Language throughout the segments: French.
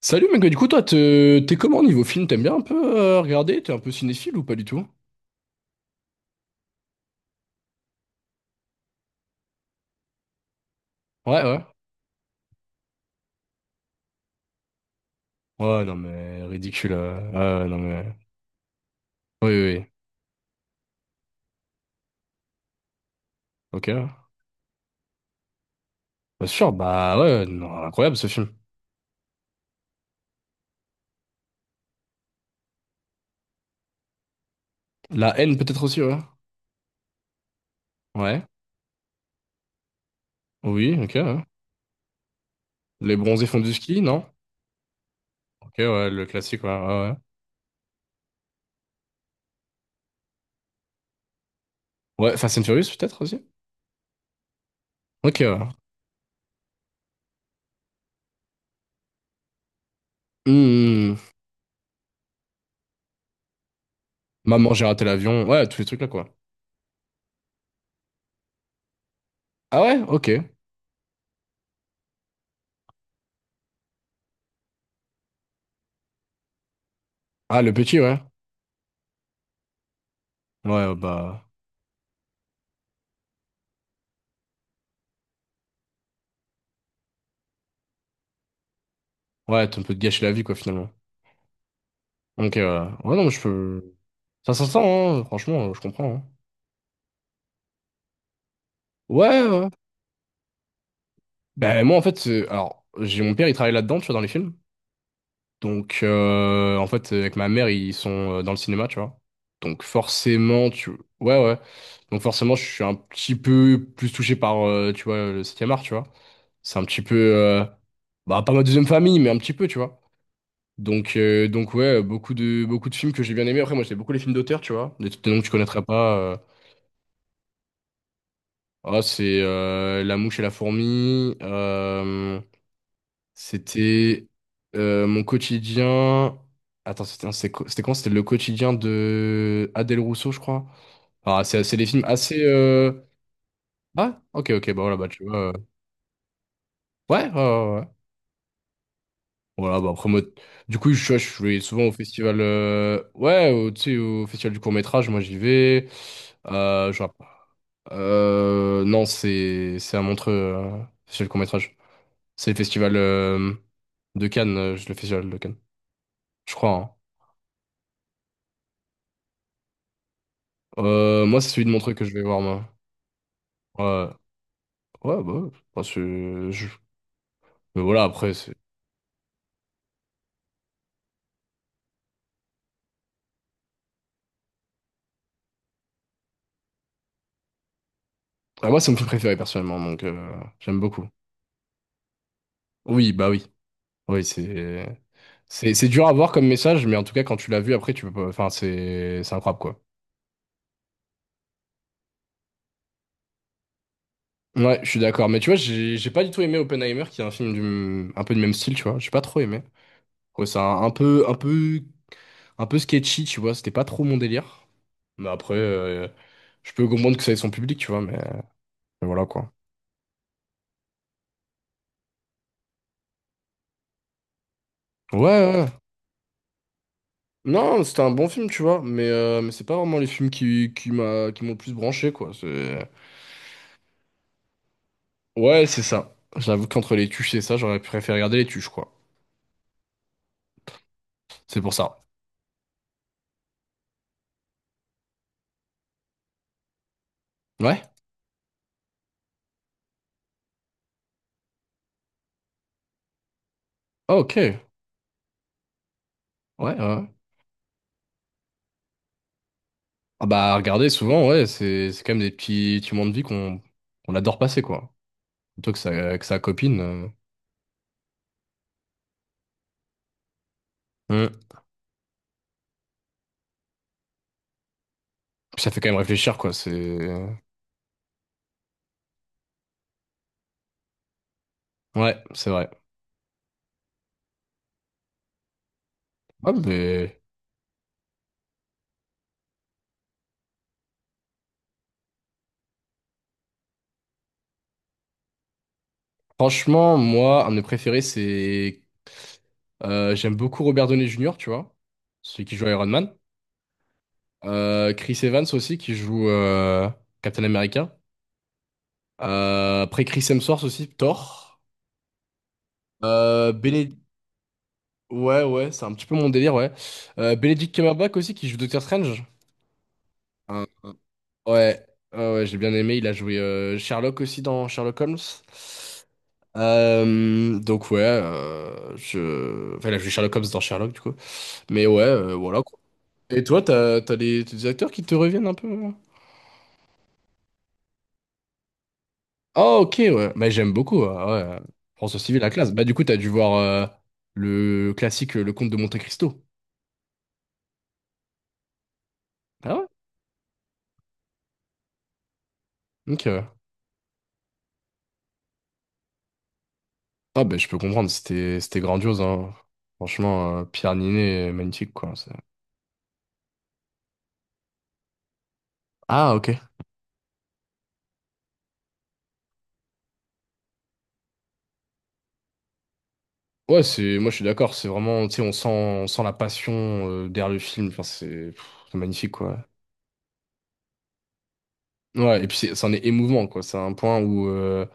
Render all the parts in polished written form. Salut mec, du coup toi t'es comment niveau film? T'aimes bien un peu regarder? T'es un peu cinéphile ou pas du tout? Ouais, ouais. Ouais, non mais ridicule. Ouais, ouais, non mais. Oui, oui, oui. Ok. Bien sûr, bah ouais, non, incroyable ce film. La haine peut-être aussi, ouais. Ouais. Oui, ok, ouais. Les bronzés font du ski, non? Ok, ouais, le classique, ouais. Ouais, ouais, ouais, Fast and Furious peut-être aussi? Ok, ouais. Hmm. Maman, j'ai raté l'avion. Ouais, tous les trucs là quoi. Ah ouais, ok. Ah le petit, ouais. Ouais, bah. Ouais, t'as un peu de gâcher la vie quoi finalement. Donc, ouais, non, mais je peux. Ça s'entend, hein, franchement, je comprends, hein. Ouais, ouais. Ben, moi, en fait, alors, j'ai mon père, il travaille là-dedans, tu vois, dans les films. Donc, en fait, avec ma mère, ils sont dans le cinéma, tu vois. Donc, forcément, tu. Ouais, ouais. Donc, forcément, je suis un petit peu plus touché par, tu vois, le 7e art, tu vois. C'est un petit peu. Bah, pas ma deuxième famille, mais un petit peu, tu vois. Donc ouais, beaucoup de films que j'ai bien aimés. Après, moi, j'ai beaucoup les films d'auteur, tu vois. Des noms que tu connaîtrais pas. Oh c'est La mouche et la fourmi. C'était mon quotidien. Attends, c'était quoi? C'était quand? C'était le quotidien de Adèle Rousseau, je crois. Ah, c'est des films assez. Ah, ok, ok, bah voilà, bah tu vois. Ouais, ouais, ouais, ouais. Voilà, bah après, moi, du coup, je vais souvent au festival. Ouais, au, tu sais, au festival du court-métrage, moi j'y vais. Je vois pas. Non, c'est à Montreux, festival du court-métrage. C'est le festival de Cannes, le festival de Cannes, je crois, hein. Moi, c'est celui de Montreux que je vais voir, moi. Ouais, ouais, bah, ouais. Enfin. Mais voilà, après, c'est. Ah, moi, c'est mon film préféré, personnellement, donc j'aime beaucoup. Oui, bah oui. Oui, c'est. C'est dur à voir comme message, mais en tout cas, quand tu l'as vu, après, tu peux pas. Enfin, c'est incroyable, quoi. Ouais, je suis d'accord. Mais tu vois, j'ai pas du tout aimé Oppenheimer, qui est un film du, un peu du même style, tu vois. J'ai pas trop aimé. Ouais, c'est un peu sketchy, tu vois, c'était pas trop mon délire. Mais après, je peux comprendre que ça ait son public, tu vois, mais voilà quoi. Ouais, ouais. Non, c'était un bon film, tu vois, mais c'est pas vraiment les films qui m'ont le plus branché, quoi. C'est. Ouais, c'est ça. J'avoue qu'entre les tuches et ça, j'aurais préféré regarder les tuches, quoi. C'est pour ça. Ouais? Ah, ok. Ouais, ouais, ouais. Ah bah, regarder, souvent, ouais, c'est quand même des petits moments de vie qu'on adore passer, quoi. Surtout que ça, que sa copine. Hum. Puis ça fait quand même réfléchir, quoi. C'est. Ouais, c'est vrai. Ah, ben, franchement, moi, un de mes préférés, c'est. J'aime beaucoup Robert Downey Jr., tu vois, celui qui joue Iron Man. Chris Evans aussi, qui joue Captain America. Après, Chris Hemsworth aussi, Thor. Euh, Béné- Ouais, ouais, c'est un petit peu mon délire, ouais. Benedict Cumberbatch aussi, qui joue Doctor Strange. Un- un- Ouais, ouais, ouais, j'ai bien aimé. Il a joué Sherlock aussi dans Sherlock Holmes. Donc ouais, je. Enfin, là, je suis Sherlock Holmes dans Sherlock, du coup. Mais ouais, voilà, quoi. Et toi, t'as, t'as des acteurs qui te reviennent un peu, hein? Ah, ok, ouais. Mais j'aime beaucoup, ouais. François Civil, la classe. Bah, du coup, t'as dû voir le classique Le Comte de Monte-Cristo. Ah ouais? Ok, ouais. Ah, bah, je peux comprendre, c'était grandiose, hein. Franchement, Pierre Niney, magnifique, quoi. Ah, ok. Ouais, c'est, moi, je suis d'accord, c'est vraiment, tu sais, on sent, la passion derrière le film. Enfin, c'est magnifique, quoi. Ouais, et puis c'en est émouvant, quoi. C'est un point où,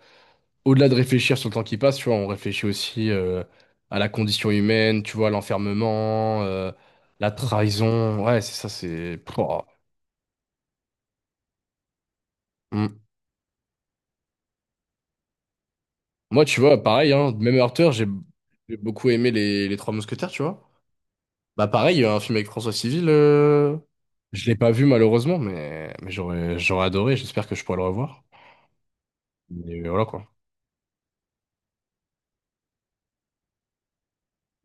au-delà de réfléchir sur le temps qui passe, tu vois, on réfléchit aussi à la condition humaine, tu vois, à l'enfermement, la trahison. Ouais, c'est ça, c'est. Pouah. Mm. Moi, tu vois, pareil, hein, même Arthur j'ai beaucoup aimé les Trois Mousquetaires, tu vois. Bah, pareil, il y a un film avec François Civil, je l'ai pas vu malheureusement, mais j'aurais adoré, j'espère que je pourrai le revoir. Mais voilà, quoi.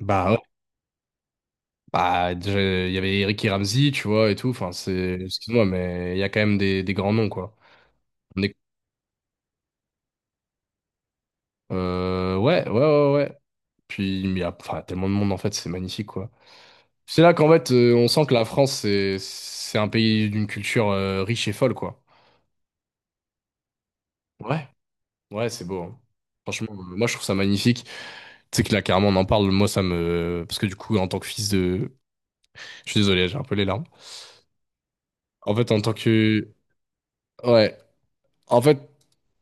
Bah, ouais. Bah, déjà, il y avait Ricky Ramsey, tu vois, et tout. Enfin, c'est, excuse-moi, mais il y a quand même des grands noms, quoi. On est. Ouais, ouais, ouais, ouais. Puis, il y a enfin, tellement de monde, en fait, c'est magnifique, quoi. C'est là qu'en fait, on sent que la France, c'est un pays d'une culture riche et folle, quoi. Ouais, ouais, c'est beau, hein. Franchement, moi, je trouve ça magnifique. Tu sais que là, carrément, on en parle. Moi, ça me. Parce que du coup, en tant que fils de. Je suis désolé, j'ai un peu les larmes. En fait, en tant que. Ouais. En fait.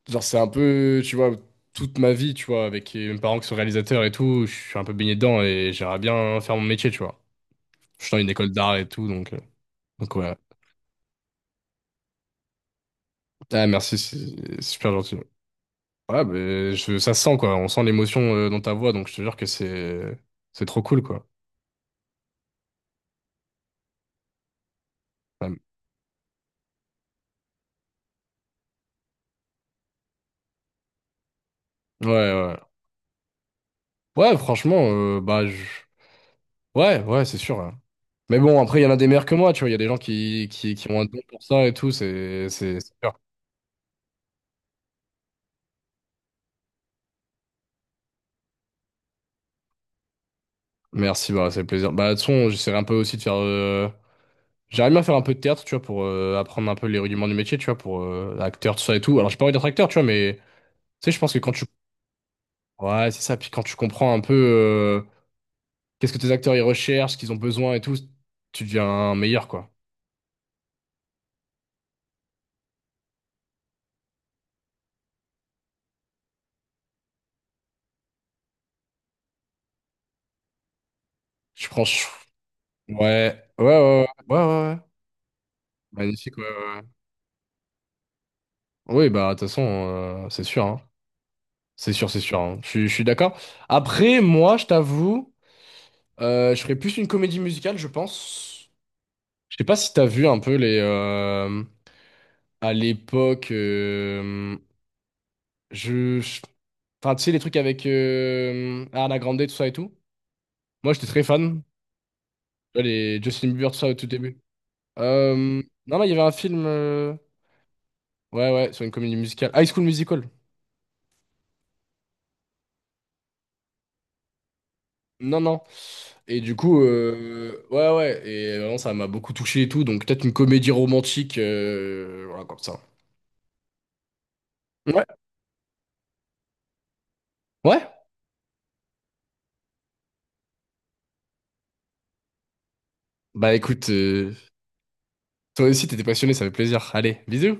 Genre, c'est un peu, tu vois, toute ma vie, tu vois, avec mes parents qui sont réalisateurs et tout, je suis un peu baigné dedans et j'aimerais bien faire mon métier, tu vois. Je suis dans une école d'art et tout, donc ouais. Ah, merci, c'est super gentil. Ouais, mais ça se sent, quoi. On sent l'émotion dans ta voix, donc je te jure que c'est trop cool, quoi. Ouais, ouais. Ouais, ouais, franchement, bah, ouais, ouais, c'est sûr, hein. Mais bon, après, il y en a des meilleurs que moi, tu vois. Il y a des gens qui ont un don pour ça et tout, c'est sûr. Merci, bah, c'est plaisir. Bah, de toute façon, j'essaierai un peu aussi de faire. J'aimerais bien faire un peu de théâtre, tu vois, pour apprendre un peu les rudiments du métier, tu vois, pour acteur, tout ça et tout. Alors, j'ai pas envie d'être acteur, tu vois, mais tu sais, je pense que quand tu. Ouais, c'est ça. Puis quand tu comprends un peu qu'est-ce que tes acteurs ils recherchent, ce qu'ils ont besoin et tout, tu deviens meilleur, quoi. Je prends. Ouais, ouais, ouais, ouais, ouais, ouais, ouais. Magnifique, ouais, ouais, ouais. Oui, bah, de toute façon, c'est sûr, hein. C'est sûr, hein. Je suis d'accord. Après, moi, je t'avoue, je ferais plus une comédie musicale, je pense. Je sais pas si t'as vu un peu les. À l'époque, je, je- Enfin, tu sais, les trucs avec Ariana Grande, tout ça et tout. Moi, j'étais très fan. Tu vois, Les Justin Bieber, tout ça, au tout début. Non, non, il y avait un film. Ouais, ouais, sur une comédie musicale. High School Musical. Non, non. Et du coup, ouais, ouais. Et vraiment, ça m'a beaucoup touché et tout. Donc, peut-être une comédie romantique. Voilà, comme ça. Ouais. Ouais. Bah, écoute, toi aussi, t'étais passionné, ça fait plaisir. Allez, bisous.